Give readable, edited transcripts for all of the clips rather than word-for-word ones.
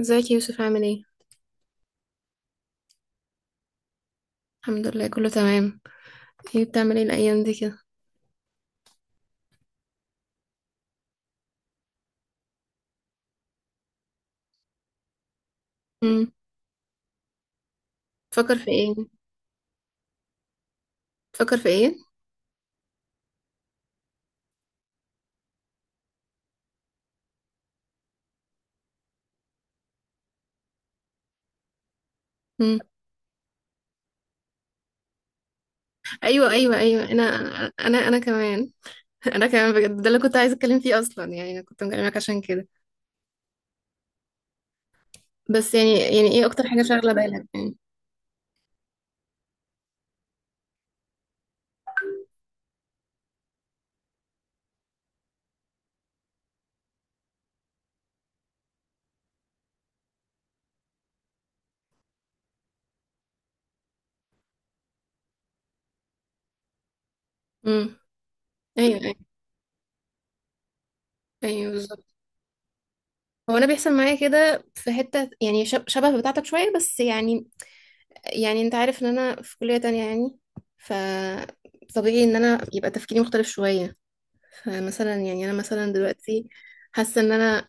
ازيك يا يوسف، عامل ايه؟ الحمد لله كله تمام. بتعمل ايه الايام دي كده؟ امم. تفكر في ايه؟ تفكر في ايه؟ امم. ايوه ايوه ايوه. انا كمان. انا كمان بجد ده اللي كنت عايزه اتكلم فيه اصلا، يعني انا كنت مكلمك عشان كده. بس يعني ايه اكتر حاجه شاغله بالك يعني؟ امم. ايوه ايوه ايوه بالظبط. هو انا بيحصل معايا كده في حته، يعني شبه بتاعتك شويه بس يعني. يعني انت عارف ان انا في كليه تانية يعني، ف طبيعي ان انا يبقى تفكيري مختلف شويه. فمثلا يعني انا مثلا دلوقتي حاسه ان انا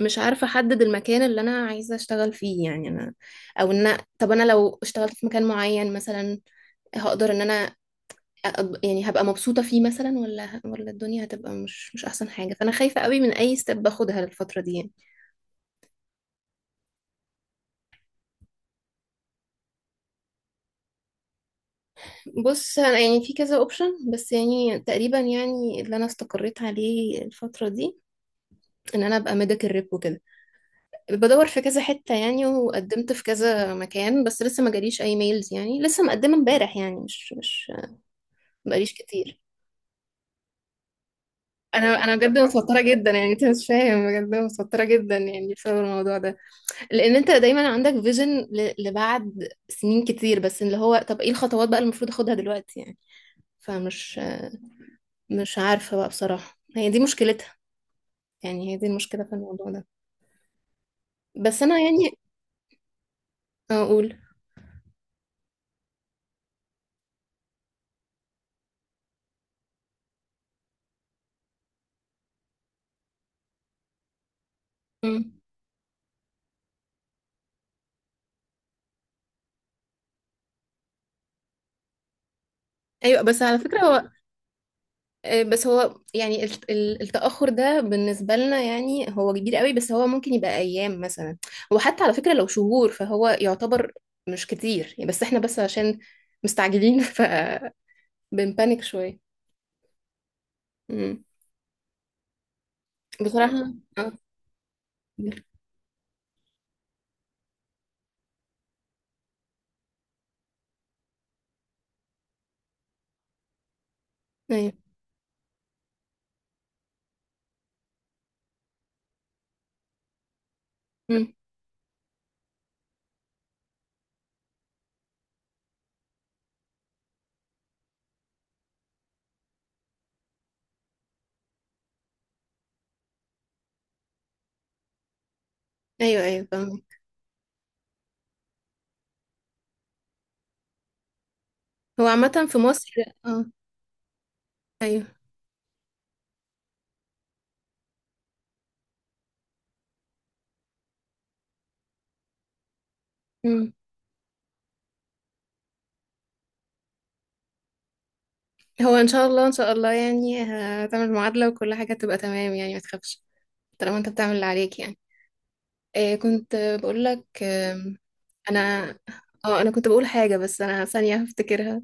مش عارفه احدد المكان اللي انا عايزه اشتغل فيه، يعني انا او ان طب انا لو اشتغلت في مكان معين مثلا هقدر ان انا يعني هبقى مبسوطه فيه مثلا، ولا الدنيا هتبقى مش احسن حاجه. فانا خايفه قوي من اي ستيب باخدها الفتره دي يعني. بص، انا يعني في كذا اوبشن، بس يعني تقريبا يعني اللي انا استقريت عليه الفتره دي ان انا ابقى ميديكال ريب وكده. بدور في كذا حتة يعني، وقدمت في كذا مكان، بس لسه ما جاليش اي ميلز يعني، لسه مقدمة امبارح يعني، مش بقاليش كتير. انا بجد متوترة جدا يعني، انت مش فاهم، بجد متوترة جدا يعني بسبب الموضوع ده، لان انت دايما عندك فيجن لبعد سنين كتير. بس اللي هو طب ايه الخطوات بقى اللي المفروض اخدها دلوقتي يعني؟ فمش مش عارفة بقى بصراحة. هي دي مشكلتها، يعني هي دي المشكلة في الموضوع ده. بس انا يعني اقول. مم. ايوه بس على فكرة هو، بس هو يعني التأخر ده بالنسبة لنا يعني هو كبير قوي، بس هو ممكن يبقى أيام مثلا. وحتى على فكرة لو شهور فهو يعتبر مش كتير يعني، بس احنا بس عشان مستعجلين فبنبانك شوية. مم. بصراحة اه. ايوه. مم. ايوه ايوه فاهمة. هو عامة في مصر. اه. ايوه. مم. هو ان شاء الله، ان شاء الله يعني هتعمل معادلة وكل حاجة تبقى تمام يعني، ما تخافش طالما انت بتعمل اللي عليك يعني. كنت بقول لك. انا اه انا كنت بقول حاجه، بس انا ثانيه هفتكرها.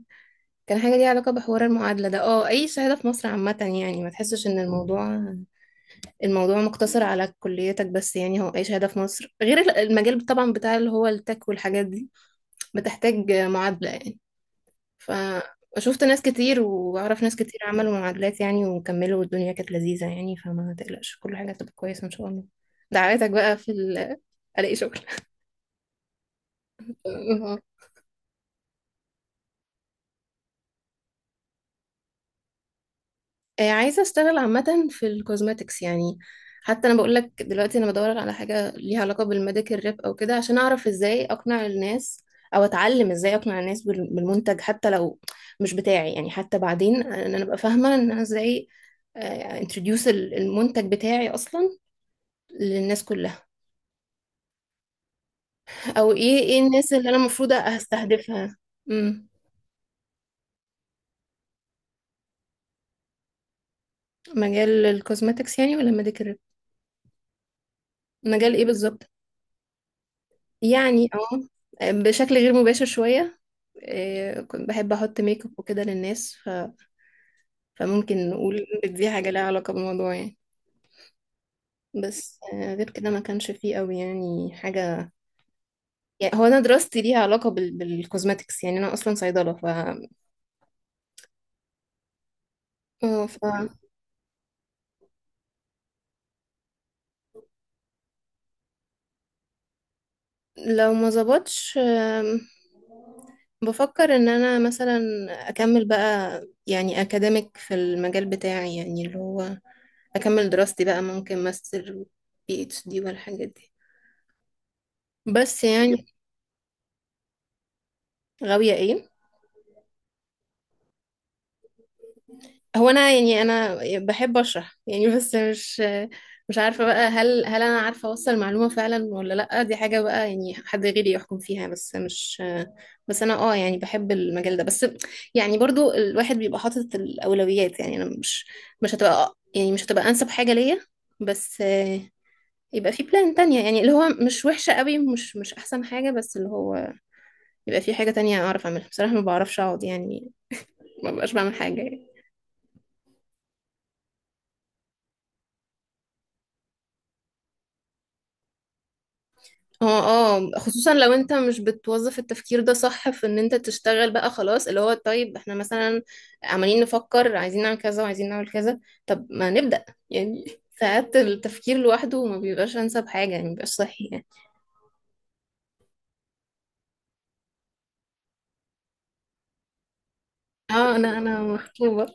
كان حاجه ليها علاقه بحوار المعادله ده. اه، اي شهاده في مصر عامه يعني، ما تحسش ان الموضوع مقتصر على كليتك بس، يعني هو اي شهاده في مصر غير المجال طبعا بتاع اللي هو التك والحاجات دي بتحتاج معادله يعني. فشفت ناس كتير واعرف ناس كتير عملوا معادلات يعني وكملوا والدنيا كانت لذيذه يعني، فما تقلقش كل حاجه هتبقى كويسه ان شاء الله. دعواتك بقى في الاقي شغل. عايزة اشتغل عامة في الكوزماتكس يعني. حتى انا بقول لك دلوقتي انا بدور على حاجة ليها علاقة بالميديكال ريب او كده عشان اعرف ازاي اقنع الناس، او اتعلم ازاي اقنع الناس بالمنتج حتى لو مش بتاعي يعني، حتى بعدين ان انا ابقى فاهمة ان انا ازاي انتروديوس المنتج بتاعي اصلا للناس كلها، او ايه الناس اللي انا المفروض هستهدفها. امم. مجال الكوزماتكس يعني ولا الميديكال ريب؟ مجال ايه بالظبط؟ يعني اه بشكل غير مباشر شوية. إيه، كنت بحب احط ميك اب وكده للناس، ف... فممكن نقول إن دي حاجه لها علاقه بالموضوع يعني. بس غير كده ما كانش فيه قوي يعني حاجه. يعني هو انا دراستي ليها علاقه بال... بالكوزماتكس يعني، انا اصلا صيدله. ف آه، فلو ما ظبطش بفكر ان انا مثلا اكمل بقى، يعني اكاديميك في المجال بتاعي، يعني اللي هو اكمل دراستي بقى ممكن ماستر، بي اتش دي والحاجات دي. بس يعني غاوية ايه؟ هو انا يعني انا بحب اشرح يعني، بس مش عارفه بقى هل انا عارفه اوصل معلومه فعلا ولا لا. دي حاجه بقى يعني حد غيري يحكم فيها. بس مش، بس انا اه يعني بحب المجال ده بس يعني، برضو الواحد بيبقى حاطط الاولويات، يعني انا مش، مش هتبقى يعني، مش هتبقى انسب حاجه ليا. بس يبقى في بلان تانية يعني، اللي هو مش وحشة قوي، مش أحسن حاجة، بس اللي هو يبقى في حاجة تانية أعرف أعملها. بصراحة ما بعرفش أقعد يعني، ما بقاش بعمل حاجة. اه اه، خصوصا لو انت مش بتوظف التفكير ده صح في ان انت تشتغل بقى، خلاص اللي هو طيب احنا مثلا عمالين نفكر، عايزين نعمل كذا وعايزين نعمل كذا. طب ما نبدأ يعني. ساعات التفكير لوحده ما بيبقاش انسب حاجة يعني، مبيبقاش صحي يعني. اه، انا مخطوبة.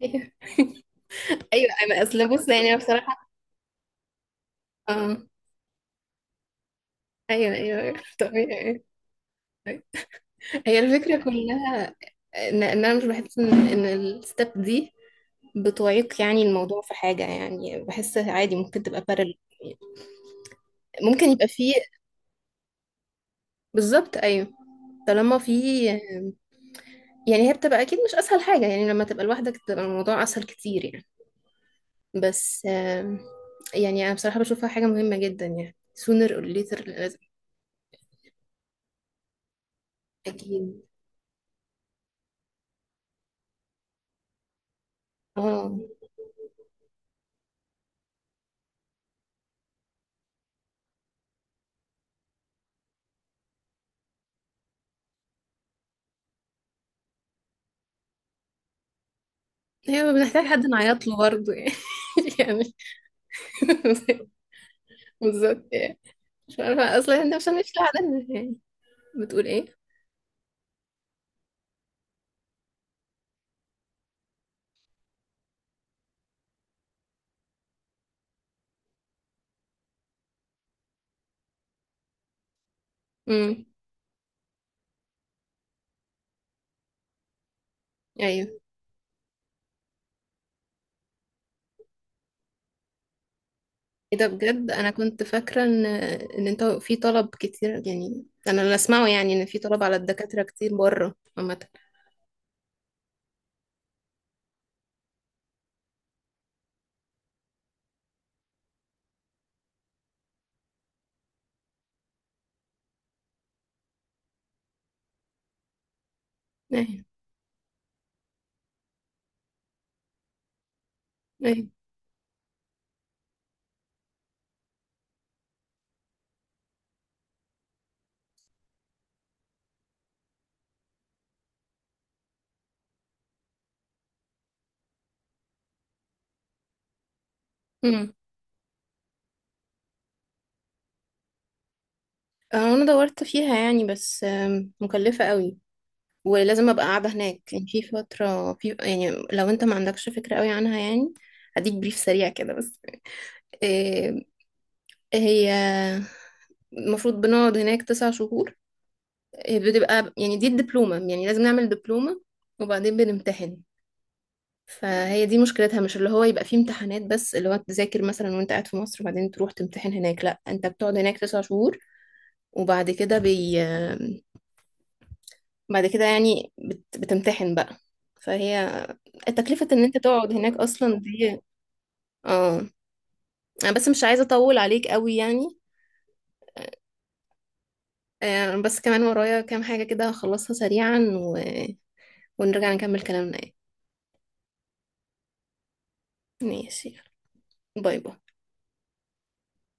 ايوه انا اصل بص يعني، أنا بصراحة اه. ايوه ايوه أيوة. طبيعي. هي الفكرة كلها إن انا مش بحس ان الستep دي بتعيق يعني الموضوع في حاجة، يعني بحس عادي ممكن تبقى بارل. ممكن يبقى فيه. بالظبط أيوه، طالما فيه، يعني هي بتبقى أكيد مش أسهل حاجة، يعني لما تبقى لوحدك بتبقى الموضوع أسهل كتير يعني. بس يعني أنا بصراحة بشوفها حاجة مهمة جدا يعني، sooner or later لازم. أكيد. اه، هي بنحتاج حد نعيط له برضه يعني. يعني بالظبط يعني. مش عارفة أصلا احنا عشان مش لوحدنا يعني. بتقول ايه؟ امم. ايه ده، بجد انا كنت فاكره ان انت في طلب كتير يعني. انا اللي اسمعه يعني ان في طلب على الدكاتره كتير بره عامه. ايوه ايوه. امم. انا دورت فيها يعني، بس مكلفه قوي ولازم ابقى قاعده هناك يعني في فتره، في يعني لو انت ما عندكش فكره قوي عنها يعني، هديك بريف سريع كده بس. آه، هي المفروض بنقعد هناك 9 شهور. بتبقى يعني دي الدبلومه، يعني لازم نعمل دبلومه وبعدين بنمتحن. فهي دي مشكلتها، مش اللي هو يبقى فيه امتحانات بس اللي هو تذاكر مثلا وانت قاعد في مصر وبعدين تروح تمتحن هناك، لا انت بتقعد هناك 9 شهور، وبعد كده بعد كده يعني بتمتحن بقى. فهي تكلفة ان انت تقعد هناك اصلا دي. اه انا بس مش عايزة اطول عليك قوي يعني. بس كمان ورايا كام حاجة كده هخلصها سريعا و... ونرجع نكمل كلامنا يعني. ماشي. باي باي.